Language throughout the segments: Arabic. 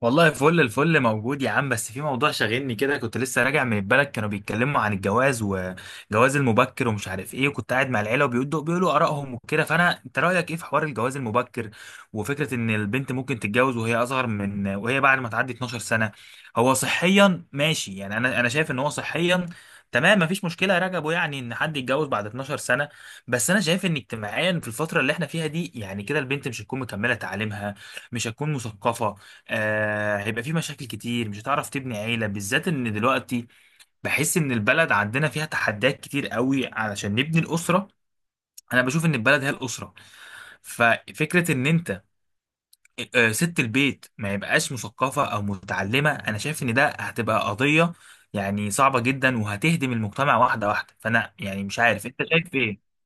والله فل الفل موجود يا عم، بس في موضوع شاغلني كده. كنت لسه راجع من البلد، كانوا بيتكلموا عن الجواز وجواز المبكر ومش عارف ايه. وكنت قاعد مع العيله وبيقولوا ارائهم وكده. فانا انت رايك ايه في حوار الجواز المبكر؟ وفكره ان البنت ممكن تتجوز وهي اصغر من وهي بعد ما تعدي 12 سنه؟ هو صحيا ماشي، يعني انا شايف ان هو صحيا تمام، مفيش مشكله يا رجبو، يعني ان حد يتجوز بعد 12 سنه. بس انا شايف ان اجتماعيا في الفتره اللي احنا فيها دي، يعني كده، البنت مش هتكون مكمله تعليمها، مش هتكون مثقفه. آه، هيبقى في مشاكل كتير، مش هتعرف تبني عيلة، بالذات ان دلوقتي بحس ان البلد عندنا فيها تحديات كتير قوي علشان نبني الأسرة. انا بشوف ان البلد هي الأسرة. ففكرة ان انت... آه، ست البيت ما يبقاش مثقفة او متعلمة، انا شايف ان ده هتبقى قضية يعني صعبة جدا، وهتهدم المجتمع واحدة واحدة. فانا يعني مش عارف انت شايف ايه.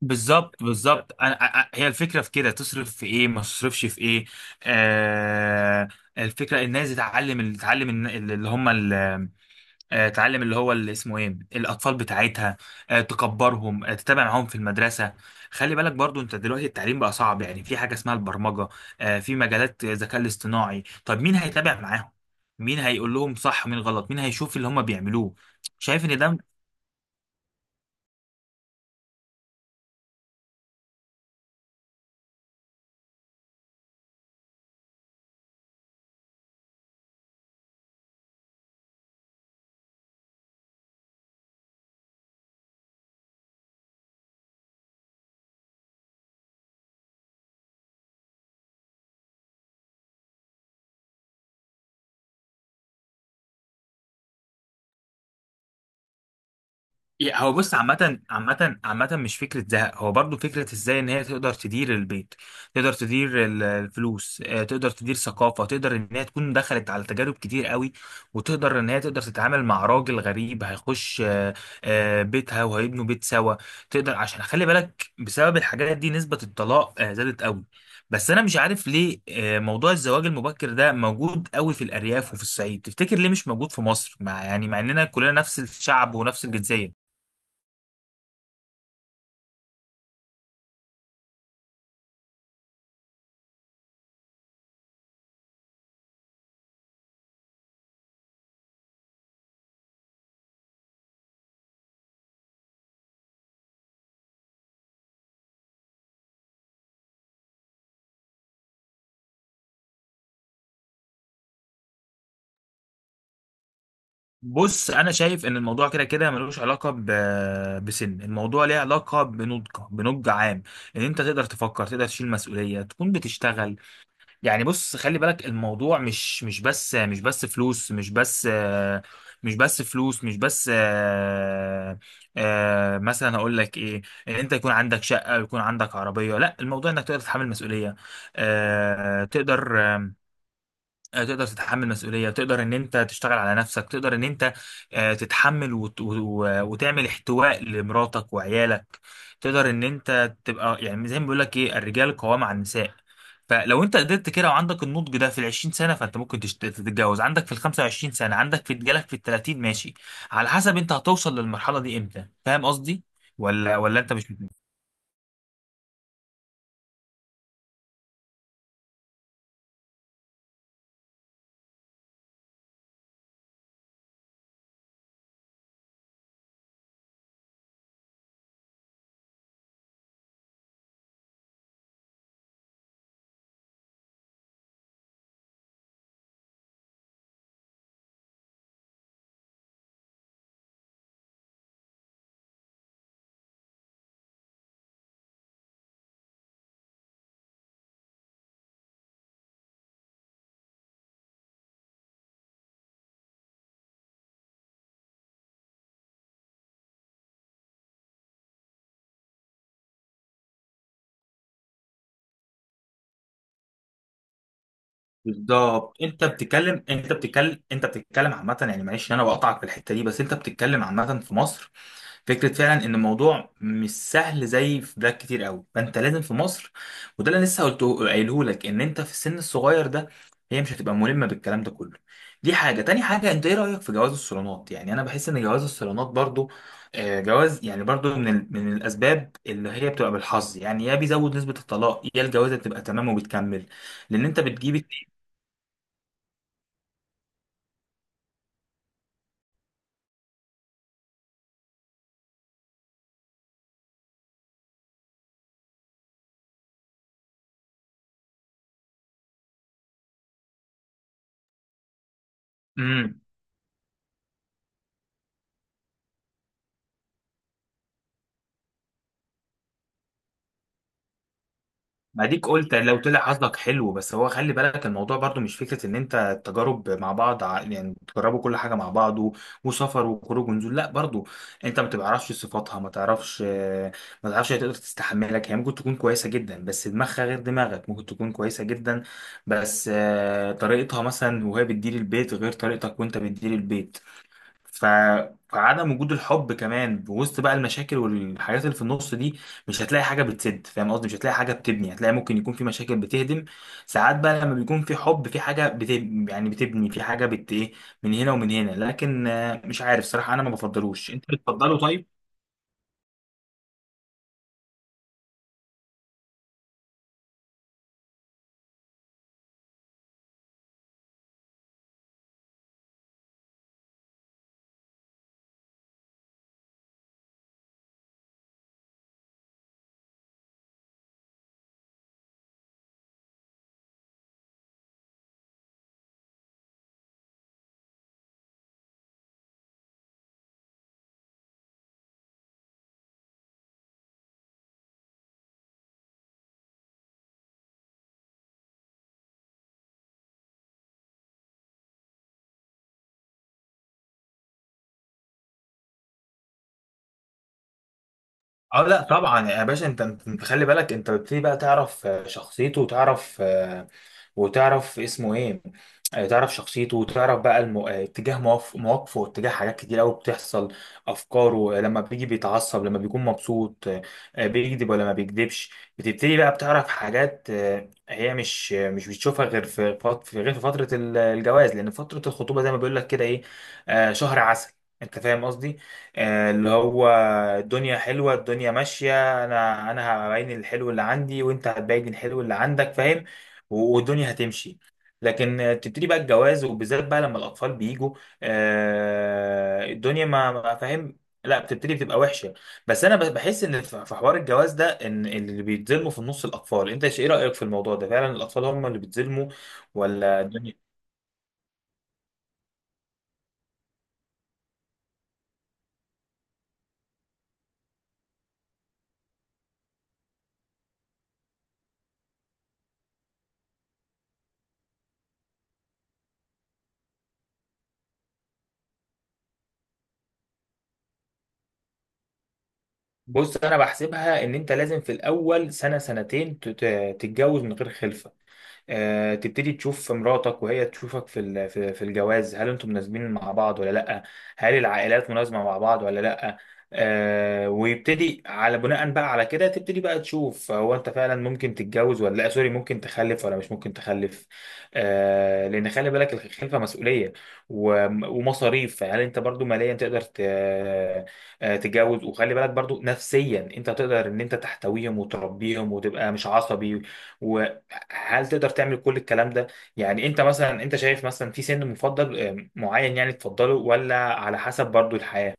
بالظبط، بالظبط، انا هي الفكره في كده، تصرف في ايه ما تصرفش في ايه. آه، الفكره الناس تتعلم ال- تتعلم الن- اللي هم ال- تعلم اللي هو اللي اسمه ايه، الاطفال بتاعتها، تكبرهم، تتابع معاهم في المدرسه. خلي بالك برضو، انت دلوقتي التعليم بقى صعب، يعني في حاجه اسمها البرمجه، في مجالات الذكاء الاصطناعي. طب مين هيتابع معاهم؟ مين هيقول لهم صح ومين غلط؟ مين هيشوف اللي هم بيعملوه؟ شايف ان ده... هو بص، عامة عامة عامة مش فكرة زهق، هو برضو فكرة ازاي ان هي تقدر تدير البيت، تقدر تدير الفلوس، تقدر تدير ثقافة، تقدر ان هي تكون دخلت على تجارب كتير قوي، وتقدر ان هي تقدر تتعامل مع راجل غريب هيخش بيتها، وهيبنوا بيت سوا. تقدر، عشان خلي بالك، بسبب الحاجات دي نسبة الطلاق زادت قوي. بس انا مش عارف ليه موضوع الزواج المبكر ده موجود قوي في الارياف وفي الصعيد. تفتكر ليه مش موجود في مصر، مع اننا كلنا نفس الشعب ونفس الجنسية؟ بص انا شايف ان الموضوع كده كده ملوش علاقه بسن، الموضوع ليه علاقه بنضج عام، ان انت تقدر تفكر، تقدر تشيل مسؤوليه، تكون بتشتغل. يعني بص خلي بالك، الموضوع مش بس، مش بس فلوس، مش بس، مش بس فلوس، مش بس، مثلا هقول لك ايه. ان انت يكون عندك شقه ويكون عندك عربيه، لا، الموضوع انك تقدر تتحمل مسؤوليه، تقدر، تقدر تتحمل مسؤولية، تقدر ان انت تشتغل على نفسك، تقدر ان انت تتحمل وتعمل احتواء لمراتك وعيالك، تقدر ان انت تبقى يعني زي ما بيقول لك ايه، الرجال قوام على النساء. فلو انت قدرت كده وعندك النضج ده في ال 20 سنة، فانت ممكن تتجوز عندك في ال 25 سنة، عندك في جالك في ال 30، ماشي على حسب انت هتوصل للمرحلة دي امتى. فاهم قصدي ولا انت مش... بالظبط، انت بتتكلم عامه، يعني معلش إن انا بقطعك في الحته دي، بس انت بتتكلم عامه في مصر. فكره فعلا ان الموضوع مش سهل زي في بلاد كتير قوي، فانت لازم في مصر، وده اللي أنا لسه قلته قايله لك، ان انت في السن الصغير ده هي مش هتبقى ملمه بالكلام ده كله. دي حاجه، تاني حاجه، انت ايه رايك في جواز الصالونات؟ يعني انا بحس ان جواز الصالونات برضو جواز، يعني برضو من الاسباب اللي هي بتبقى بالحظ، يعني يا بيزود نسبه الطلاق، يا الجوازه بتبقى تمام وبتكمل، لان انت بتجيب... امم. ما ديك قلت لو طلع حظك حلو، بس هو خلي بالك الموضوع برضو مش فكره ان انت التجارب مع بعض، يعني تجربوا كل حاجه مع بعض وسفر وخروج ونزول، لا، برضو انت ما بتعرفش صفاتها، ما تعرفش، ما تعرفش هي تقدر تستحملك. هي ممكن تكون كويسه جدا بس دماغها غير دماغك، ممكن تكون كويسه جدا بس طريقتها مثلا وهي بتدير البيت غير طريقتك وانت بتدير البيت. ف... فعدم وجود الحب كمان بوسط بقى المشاكل والحاجات اللي في النص دي، مش هتلاقي حاجه بتسد. فاهم قصدي؟ مش هتلاقي حاجه بتبني، هتلاقي ممكن يكون في مشاكل بتهدم. ساعات بقى لما بيكون في حب في حاجه يعني بتبني، في حاجه بت ايه، من هنا ومن هنا. لكن مش عارف صراحه، انا ما بفضلوش، انت بتفضله؟ طيب. اه، لا طبعا يا باشا، انت خلي بالك، انت بتبتدي بقى تعرف شخصيته، وتعرف وتعرف اسمه ايه، تعرف شخصيته، وتعرف بقى المو... آه، اتجاه مواقفه، واتجاه حاجات كتير قوي بتحصل. افكاره، لما بيجي بيتعصب، لما بيكون مبسوط بيكذب ولا ما بيكذبش. بتبتدي بقى بتعرف حاجات هي مش مش بتشوفها غير في فترة الجواز. لأن فترة الخطوبة، زي ما بيقول لك، كده ايه، شهر عسل، انت فاهم قصدي؟ اللي هو الدنيا حلوة، الدنيا ماشية، انا هبين الحلو اللي عندي، وانت هتبين الحلو اللي عندك، فاهم؟ والدنيا هتمشي. لكن تبتدي بقى الجواز، وبالذات بقى لما الأطفال بيجوا، الدنيا ما فاهم، لا، بتبتدي بتبقى وحشة. بس أنا بحس إن في حوار الجواز ده، إن اللي بيتظلموا في النص الأطفال. أنت إيه رأيك في الموضوع ده؟ فعلا الأطفال هم اللي بيتظلموا ولا الدنيا...؟ بص أنا بحسبها إن أنت لازم في الأول سنة سنتين تتجوز من غير خلفة، تبتدي تشوف مراتك وهي تشوفك في في الجواز، هل انتم مناسبين مع بعض ولا لا، هل العائلات مناسبة مع بعض ولا لا. آه، ويبتدي على بناء بقى على كده تبتدي بقى تشوف هو انت فعلا ممكن تتجوز ولا لا، سوري، ممكن تخلف ولا مش ممكن تخلف. آه، لان خلي بالك الخلفه مسؤوليه ومصاريف. هل انت برضو ماليا تقدر تتجوز؟ وخلي بالك برضو نفسيا انت تقدر ان انت تحتويهم وتربيهم وتبقى مش عصبي. هل تقدر تعمل كل الكلام ده؟ يعني انت مثلا، انت شايف مثلا في سن مفضل معين، يعني تفضله، ولا على حسب برضو الحياة؟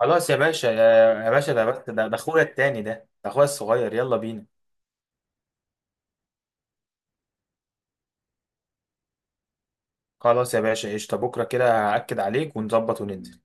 خلاص يا باشا، يا باشا، ده بس، ده اخويا التاني ده، ده اخويا الصغير، يلا بينا. خلاص يا باشا، قشطة، بكرة كده هأكد عليك ونظبط وننزل.